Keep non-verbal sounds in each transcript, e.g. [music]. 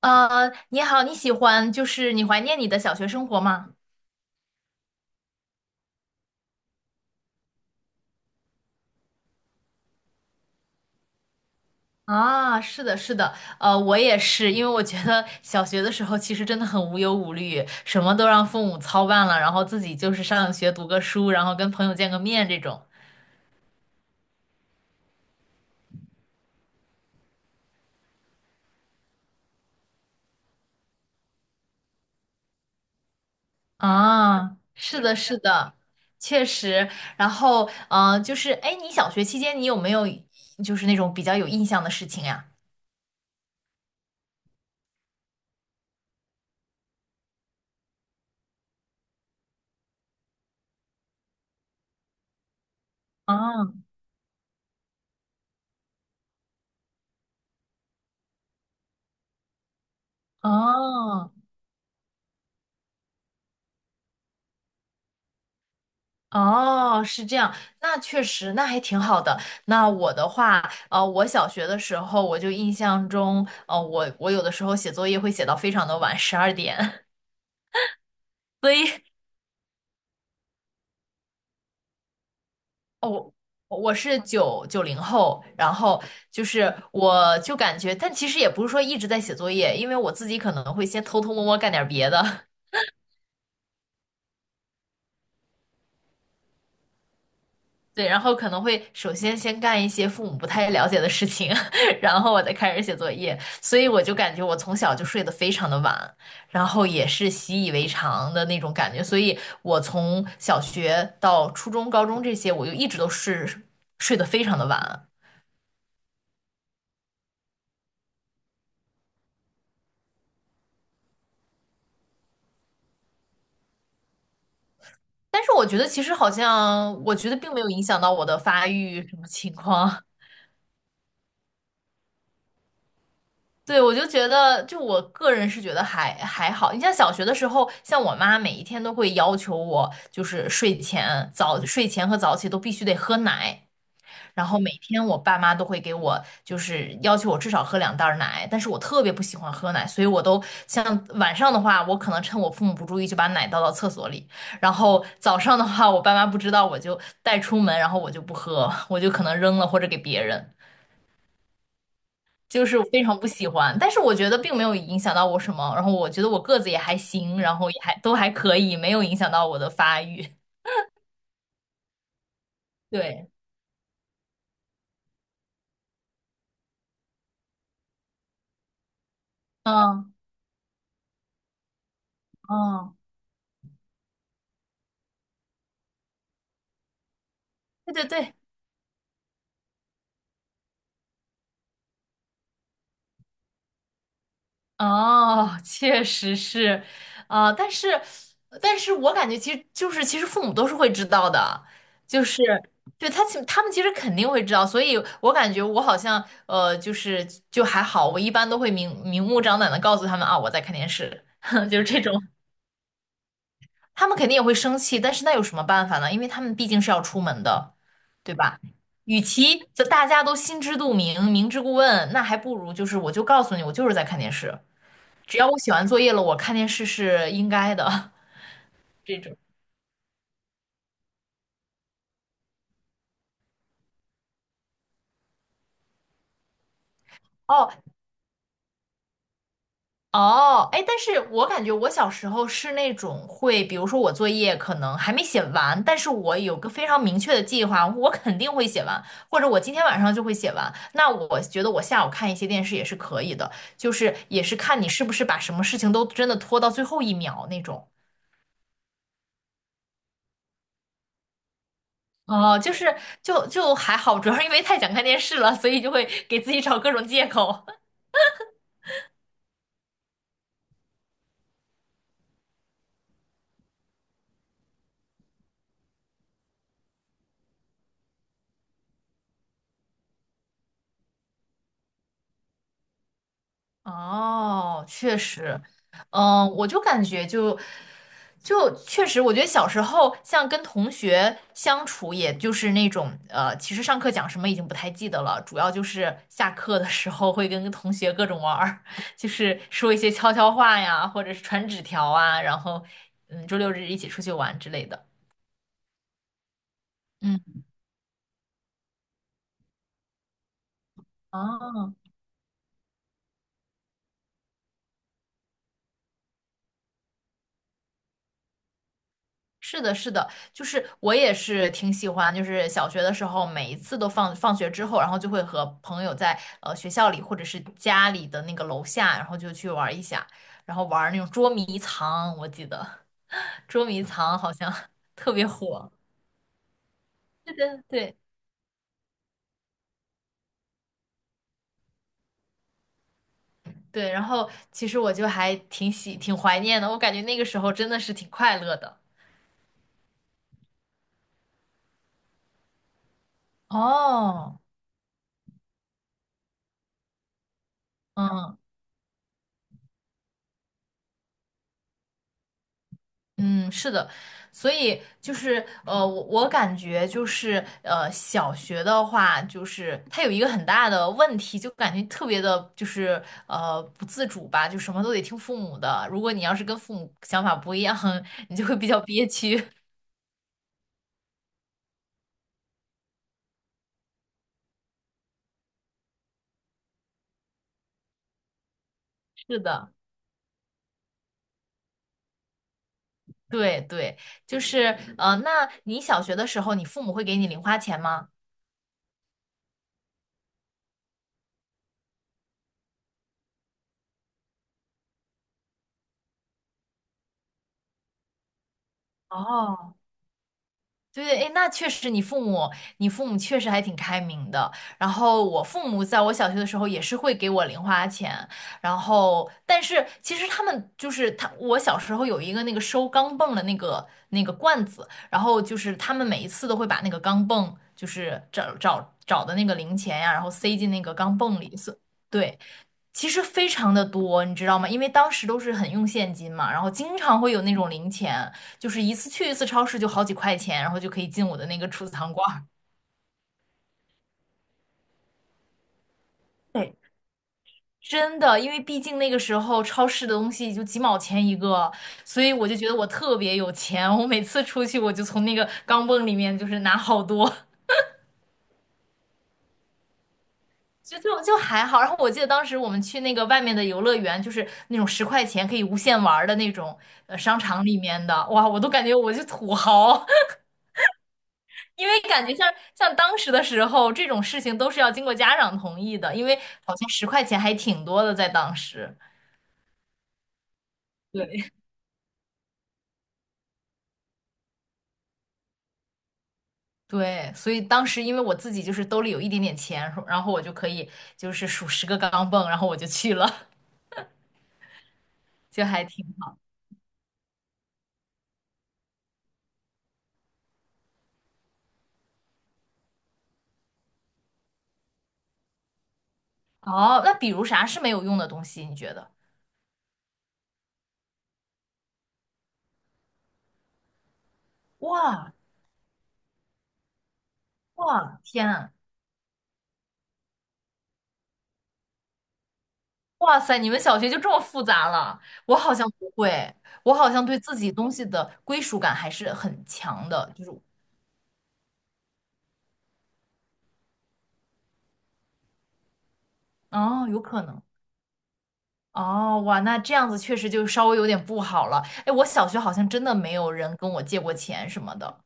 你好，你喜欢就是你怀念你的小学生活吗？啊，是的，是的，我也是。因为我觉得小学的时候其实真的很无忧无虑，什么都让父母操办了，然后自己就是上学读个书，然后跟朋友见个面这种。啊，是的，是的，确实。然后，就是，哎，你小学期间你有没有就是那种比较有印象的事情呀？啊，哦，哦，是这样。那确实，那还挺好的。那我的话，我小学的时候，我就印象中，我有的时候写作业会写到非常的晚，12点，[laughs] 所以哦，我是九零后，然后就是我就感觉，但其实也不是说一直在写作业，因为我自己可能会先偷偷摸摸干点别的。对，然后可能会先干一些父母不太了解的事情，[laughs] 然后我再开始写作业。所以我就感觉我从小就睡得非常的晚，然后也是习以为常的那种感觉，所以我从小学到初中、高中这些，我就一直都是睡得非常的晚。但是我觉得其实好像，我觉得并没有影响到我的发育什么情况。对，我就觉得，就我个人是觉得还好。你像小学的时候，像我妈每一天都会要求我，就是睡前和早起都必须得喝奶。然后每天我爸妈都会给我就是要求我至少喝两袋儿奶，但是我特别不喜欢喝奶，所以我都像晚上的话，我可能趁我父母不注意就把奶倒到厕所里；然后早上的话，我爸妈不知道我就带出门，然后我就不喝，我就可能扔了或者给别人。就是非常不喜欢，但是我觉得并没有影响到我什么。然后我觉得我个子也还行，然后也还都还可以，没有影响到我的发育。[laughs] 对，嗯嗯，对对对，哦，确实是。啊、但是我感觉其实父母都是会知道的。就是对，他们其实肯定会知道。所以我感觉我好像就还好。我一般都会明明目张胆的告诉他们啊我在看电视，[laughs] 就是这种。他们肯定也会生气，但是那有什么办法呢？因为他们毕竟是要出门的，对吧？与其这大家都心知肚明、明知故问，那还不如就是我就告诉你，我就是在看电视。只要我写完作业了，我看电视是应该的。[laughs] 这种哦。哦，哎，但是我感觉我小时候是那种会，比如说我作业可能还没写完，但是我有个非常明确的计划，我肯定会写完，或者我今天晚上就会写完。那我觉得我下午看一些电视也是可以的，就是也是看你是不是把什么事情都真的拖到最后一秒那种。哦，就是就还好，主要是因为太想看电视了，所以就会给自己找各种借口。哦，确实。嗯，我就感觉就确实。我觉得小时候像跟同学相处，也就是那种，其实上课讲什么已经不太记得了，主要就是下课的时候会跟同学各种玩儿，[laughs] 就是说一些悄悄话呀，或者是传纸条啊。然后周六日一起出去玩之类的。嗯，哦，是的，是的。就是我也是挺喜欢，就是小学的时候，每一次都放学之后，然后就会和朋友在学校里或者是家里的那个楼下，然后就去玩一下。然后玩那种捉迷藏，我记得 [laughs] 捉迷藏好像 [laughs] 特别火。对对对对。然后其实我就还挺怀念的，我感觉那个时候真的是挺快乐的。哦，嗯，嗯，是的。所以就是我感觉就是小学的话，就是它有一个很大的问题，就感觉特别的，就是不自主吧，就什么都得听父母的。如果你要是跟父母想法不一样，[laughs] 你就会比较憋屈。[laughs] 是的，对对。就是那你小学的时候，你父母会给你零花钱吗？哦，对，对，哎，那确实，你父母确实还挺开明的。然后我父母在我小学的时候也是会给我零花钱。然后但是其实他们就是他，我小时候有一个那个收钢镚儿的那个罐子，然后就是他们每一次都会把那个钢镚，就是找的那个零钱呀，然后塞进那个钢镚里。所，对，其实非常的多，你知道吗？因为当时都是很用现金嘛，然后经常会有那种零钱。就是一次去一次超市就好几块钱，然后就可以进我的那个储藏罐儿。对，[laughs] 真的。因为毕竟那个时候超市的东西就几毛钱一个，所以我就觉得我特别有钱。我每次出去，我就从那个钢镚里面就是拿好多。[laughs] 就还好。然后我记得当时我们去那个外面的游乐园，就是那种十块钱可以无限玩儿的那种商场里面的，哇，我都感觉我是土豪。因为感觉像当时的时候，这种事情都是要经过家长同意的，因为好像十块钱还挺多的，在当时。对，[laughs] 对。所以当时因为我自己就是兜里有一点点钱，然后我就可以就是数十个钢镚，然后我就去了。[laughs] 就还挺好。哦，那比如啥是没有用的东西？你觉得？哇，哇，天啊，哇塞！你们小学就这么复杂了？我好像不会，我好像对自己东西的归属感还是很强的，就是。哦，有可能。哦，哇，那这样子确实就稍微有点不好了。哎，我小学好像真的没有人跟我借过钱什么的，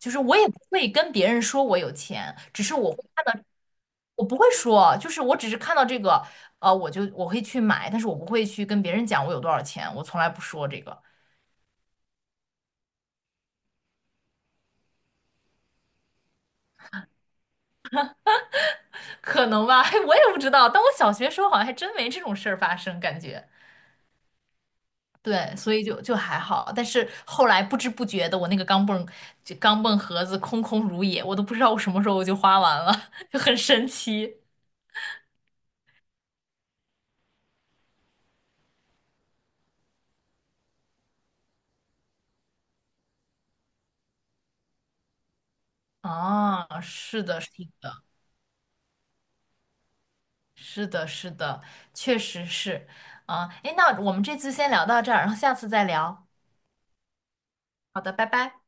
就是我也不会跟别人说我有钱，只是我不会说。就是我只是看到这个，我会去买。但是我不会去跟别人讲我有多少钱，我从来不说这个。可能吧，[laughs] 嘿我也不知道。但我小学时候好像还真没这种事儿发生，感觉。对，所以就还好。但是后来不知不觉的，我那个钢镚盒子空空如也，我都不知道我什么时候我就花完了，[laughs] 就很神奇。啊，是的，是的，是的，是的，确实是。啊，哎，那我们这次先聊到这儿，然后下次再聊。好的，拜拜。